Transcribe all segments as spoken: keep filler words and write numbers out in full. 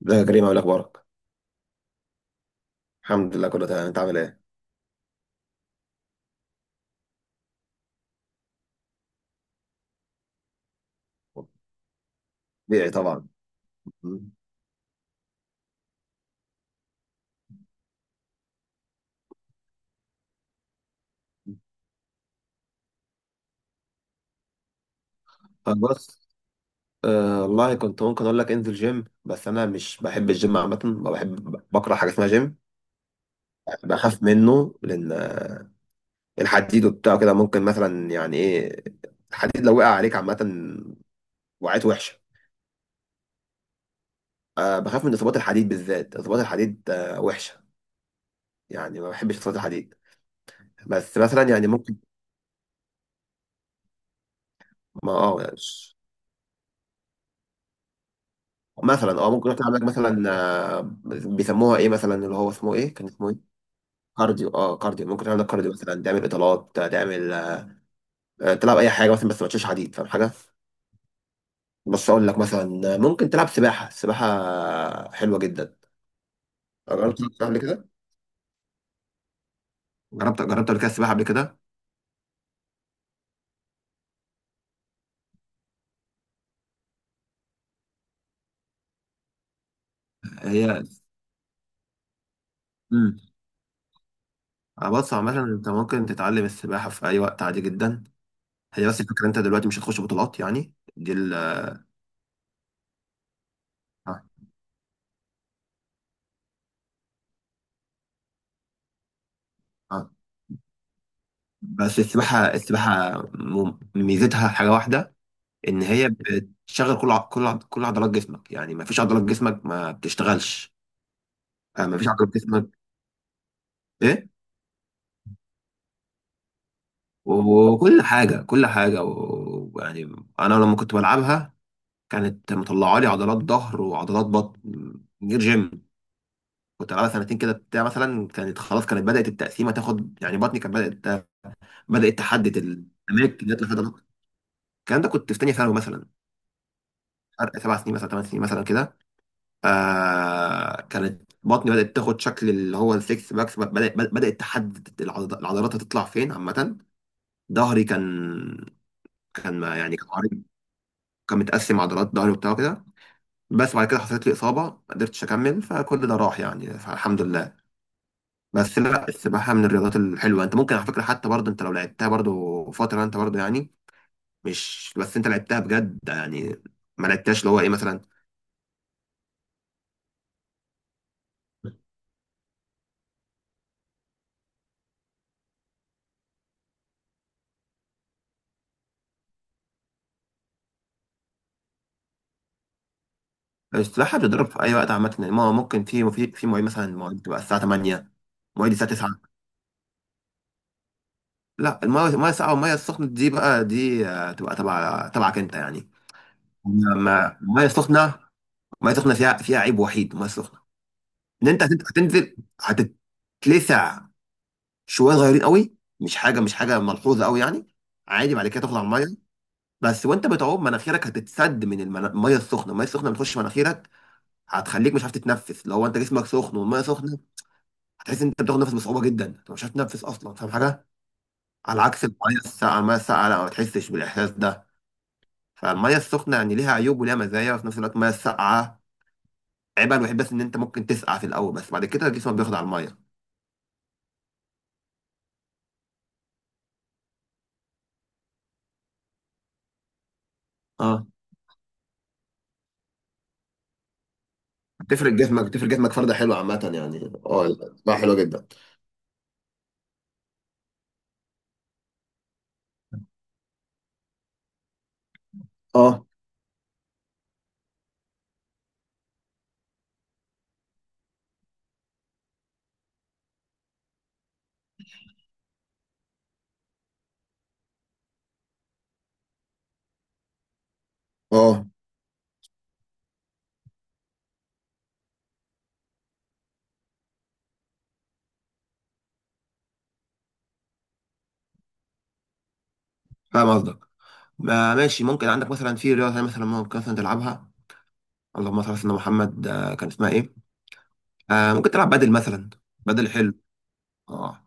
ده يا كريم عامل إيه؟ اخبارك. الحمد لله كله تمام، انت عامل ايه؟ طبيعي طبعا. مم. طب بص، آه والله كنت ممكن اقول لك انزل جيم، بس انا مش بحب الجيم عامه، ما بحب بكره حاجه اسمها جيم. بخاف منه لان الحديد وبتاع كده ممكن مثلا يعني ايه، الحديد لو وقع عليك عامه وقعت وحشه. آه بخاف من اصابات الحديد، بالذات اصابات الحديد آه وحشه، يعني ما بحبش اصابات الحديد. بس مثلا يعني ممكن ما اه مثلا اه ممكن واحد عندك مثلا آه، بيسموها ايه مثلا؟ اللي هو اسمه ايه؟ كان اسمه ايه؟ كارديو، اه كارديو، ممكن تعمل لك كارديو، مثلا تعمل اطالات، تعمل آه، آه، تلعب اي حاجه مثلا، بس ما تشيلش حديد، فاهم حاجه؟ بس اقول لك مثلا آه، ممكن تلعب سباحه، السباحه حلوه جدا. جربت تلعب سباحة قبل كده؟ جربت جربت قبل كده السباحه قبل كده؟ هي امم، انا بص عامه، انت ممكن تتعلم السباحه في اي وقت عادي جدا. هي بس الفكره انت دلوقتي مش هتخش بطولات، يعني دي ال آه، آه. بس السباحه، السباحه م- ميزتها حاجه واحده، ان هي بتشغل كل ع- كل ع- كل عضلات جسمك، يعني ما فيش عضلات جسمك ما بتشتغلش. آه، ما فيش عضلات جسمك. ايه، وكل حاجه، كل حاجه و- ويعني انا لما كنت بلعبها كانت مطلعه لي عضلات ظهر وعضلات بطن من غير جيم. كنت بلعبها سنتين كده بتاع، مثلا كانت خلاص كانت بدات التقسيمه تاخد، يعني بطني كانت بدات، بدات تحدد الاماكن اللي هتطلع فيها عضلات. الكلام ده كنت في تانيه ثانوي مثلا، فرق سبع سنين مثلا، ثمان سنين مثلا كده. آه كانت بطني بدأت تاخد شكل اللي هو السكس باكس، بدأت بدأت تحدد العض- العضلات هتطلع فين عامة. ظهري كان، كان ما يعني كان عريض، كان متقسم عضلات ظهري وبتاع كده. بس بعد كده حصلت لي إصابة، ما قدرتش أكمل، فكل ده راح يعني، فالحمد لله. بس لا، السباحة من الرياضات الحلوة، أنت ممكن على فكرة حتى برضه، أنت لو لعبتها برضه فترة أنت برضه يعني، مش بس أنت لعبتها بجد يعني، ما لعبتهاش اللي هو إيه مثلا. السباحة بتضرب في أي وقت عامة، يعني ما هو ممكن في في في مواعيد مثلا، مواعيد تبقى الساعة تمانية، مواعيد الساعة تسعة. لا، المية المية الساقعة والمية السخنة دي بقى دي آه، تبقى تبع تبعك أنت يعني. ما المية السخنة، المية السخنة فيها فيها عيب وحيد، المية السخنة إن أنت هتنزل، هتنزل هتتلسع شوية صغيرين قوي، مش حاجة مش حاجة ملحوظة قوي يعني، عادي بعد كده تطلع المية. بس وأنت بتعوم مناخيرك هتتسد من المنا- المية السخنة، المية السخنة بتخش مناخيرك، هتخليك مش عارف تتنفس لو انت جسمك سخن والميه سخنه. هتحس ان انت بتاخد نفس بصعوبه جدا، انت مش هتنفس اصلا، فاهم حاجه؟ على عكس الميه الساقعه، الميه الساقعه لا، ما بتحسش بالاحساس ده. فالميه السخنه يعني ليها عيوب وليها مزايا، وفي نفس الوقت الميه الساقعه عيبها الوحيد بس ان انت ممكن تسقع في الاول، بس بعد كده جسمك بياخد على الميه. اه بتفرق جسمك، بتفرق جسمك فرده حلوه عامه يعني اه، بقى حلوه جدا. اه اه، فاهم قصدك. ما ماشي، ممكن عندك مثلا في رياضه تانية مثلا ممكن مثلا تلعبها، اللهم صل على سيدنا محمد آه، كان اسمها ايه؟ آه ممكن تلعب بدل مثلا، بدل حلو. اه،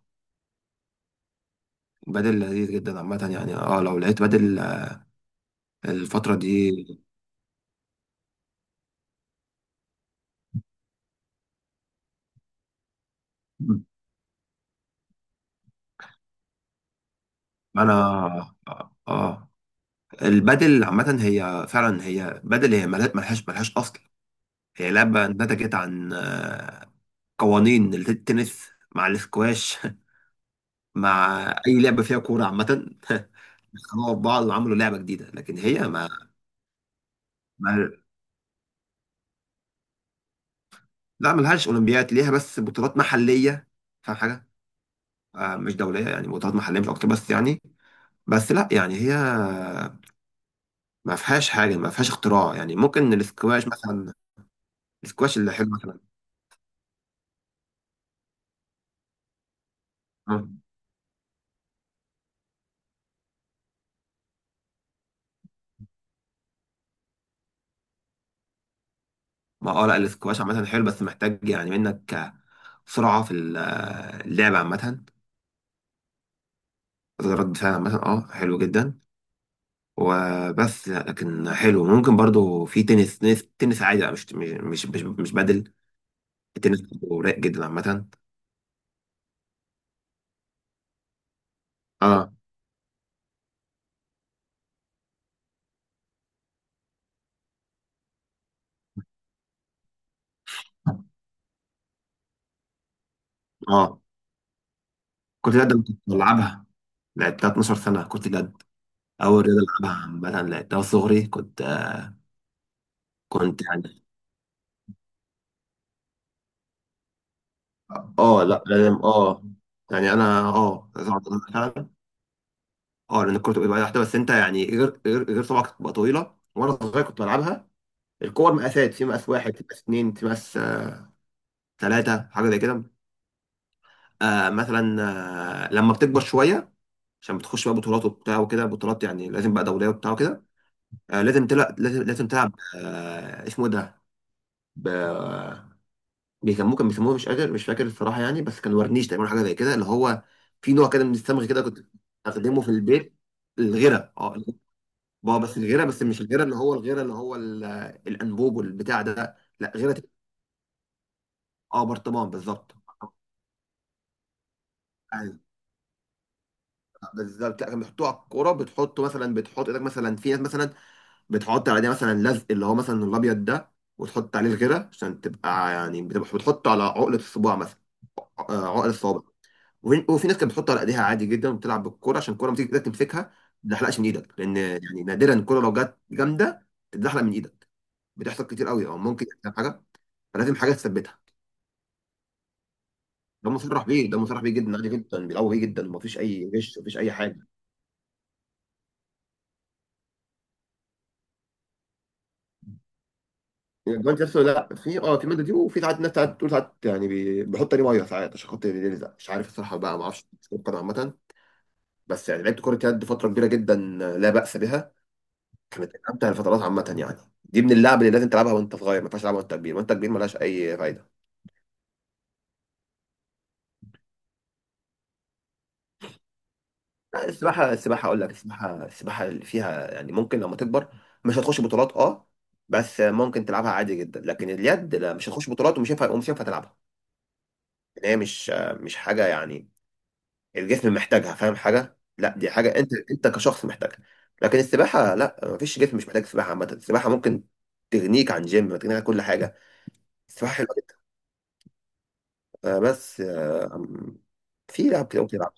بدل لذيذ جدا عامة يعني اه، لو لقيت بدل الفترة دي. انا اه آه. البدل عامة هي فعلا هي بدل، هي ملهاش ملهاش ملهاش اصل، هي لعبة نتجت عن آه، قوانين التنس مع الاسكواش مع اي لعبة فيها كورة عامة خلاص بعض، وعملوا لعبة جديدة، لكن هي ما, ما لا، ملهاش اولمبياد، ليها بس بطولات محلية، فاهم حاجة؟ آه مش دولية يعني، بطولات محلية مش اكتر بس يعني. بس لا يعني هي ما فيهاش حاجه، ما فيهاش اختراع، يعني ممكن الاسكواش مثلا، الاسكواش اللي حلو مثلا. آه. ما اه لا، الاسكواش عامه حلو، بس محتاج يعني منك سرعه في ال- اللعب عامه، رد فعل عامه، اه حلو جدا. وبس لكن حلو، ممكن برضو في تنس، تنس تنس عادي بقى، مش مش مش مش بدل. التنس برضو رايق جدا عامه، اه اه. كنت جد كنت بلعبها، لعبتها اتناشر سنه، كنت جد اول رياضه العبها عامه، لعبتها صغري كنت، كنت يعني اه لا لازم اه يعني انا اه لازم أقعد مثلا اه، لان الكوره تبقى واحده، بس انت يعني غير غير غير طبعا كانت بتبقى طويله وانا صغير كنت بلعبها. الكور مقاسات، في مقاس واحد، في مقاس اتنين، في مقاس آه، تلاته حاجه زي كده. آه مثلا، آه لما بتكبر شويه عشان بتخش بقى بطولات وبتاع وكده، بطولات يعني لازم بقى دوليه وبتاع وكده. آه لازم تلعب، لازم لازم تلعب. آه اسمه إيه ده؟ بيسموه، كان بيسموه مش قادر مش فاكر الصراحه يعني، بس كان ورنيش تقريبا حاجه زي كده اللي هو، في نوع كده من الصمغ كده كنت استخدمه في البيت، الغيره اه، بقى بس الغيره، بس مش الغيره اللي هو الغيره اللي هو ال- الانبوب والبتاع ده، لا غيره. اه برطمان بالظبط. أيوة، بالظبط. لا كان بيحطوه على الكوره، بتحطه مثلا، بتحط ايدك مثلا، في ناس مثلا بتحط على ده مثلا لزق اللي هو مثلا الابيض ده وتحط عليه الغيره عشان تبقى يعني، بتبقى بتحطه على عقله الصباع مثلا، آه، عقل الصوابع. وفي وفي ناس كانت بتحط على ايديها عادي جدا وبتلعب بالكوره عشان الكوره لما تيجي ايدك تمسكها، ما تتزحلقش من ايدك، لان يعني نادرا الكوره لو جت جامده تتزحلق من ايدك، بتحصل كتير قوي، او ممكن يحصل حاجه، فلازم حاجه تثبتها. ده مصرح بيه، ده مصرح بيه جدا، عادي جدا بيلعبوا بيه جدا، ومفيش اي غش مفيش اي حاجه. الجوانت نفسه، لا في اه في ماده دي، وفي ساعات ناس ساعات بتقول ساعات يعني بي- بيحط عليه ميه ساعات عشان خاطر يلزق، مش عارف الصراحه بقى ما اعرفش. القدم عامه، بس يعني لعبت كره يد فتره كبيره جدا، لا باس بها، كانت من امتع الفترات عامه يعني. دي من اللعب اللي لازم تلعبها وانت صغير، ما ينفعش تلعبها وانت كبير، وانت كبير ملهاش اي فايده. لا، السباحه، السباحه اقول لك السباحه، السباحه اللي فيها يعني ممكن لما تكبر مش هتخش بطولات اه، بس ممكن تلعبها عادي جدا، لكن اليد لا، مش هتخش بطولات ومش هينفع، ومش هينفع تلعبها. ان هي مش مش حاجه يعني الجسم محتاجها، فاهم حاجه؟ لا دي حاجه انت، انت كشخص محتاجها. لكن السباحه لا، مفيش جسم مش محتاج سباحه عامه، السباحه ممكن تغنيك عن جيم، تغنيك عن كل حاجه. السباحه حلوه، آه، بس آه، أم- في لعب كده ممكن يلعب.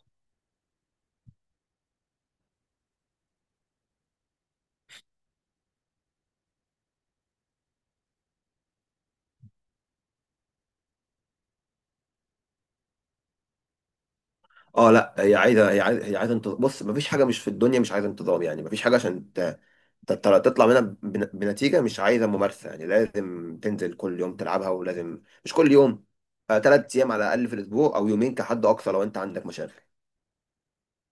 اه لا، هي عايزه هي عايزه هي عايزه انتظام، بص مفيش حاجه مش في الدنيا مش عايزه انتظام، يعني مفيش حاجه عشان ت- ت- تطلع منها بن- بنتيجه، مش عايزه ممارسه، يعني لازم تنزل كل يوم تلعبها ولازم، مش كل يوم، ثلاث ايام على الاقل في الاسبوع، او يومين كحد اقصى لو انت عندك مشاغل.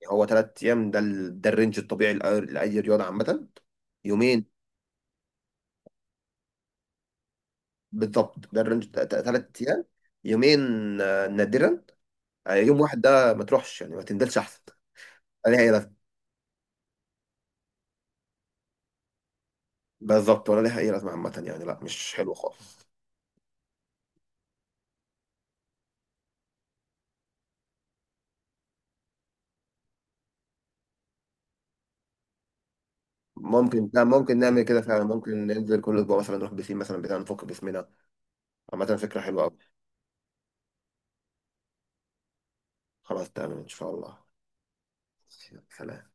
يعني هو ثلاث ايام ده ال- ده الرينج الطبيعي لأي لأي رياضه عامه، يومين. بالضبط ده الرينج، ثلاث ايام، يومين، آه، نادرا آه، يوم واحد، ده ما تروحش يعني، ما تنزلش احسن، لا ليها اي لازمه. بالظبط ولا ليها اي لازمه عامه يعني، لا مش حلو خالص. ممكن، لا ممكن نعمل كده فعلا، ممكن ننزل كل اسبوع مثلا، نروح بسين مثلا بتاع نفك باسمنا عامه، فكره حلوه قوي. خلاص تمام ان شاء الله. سلام.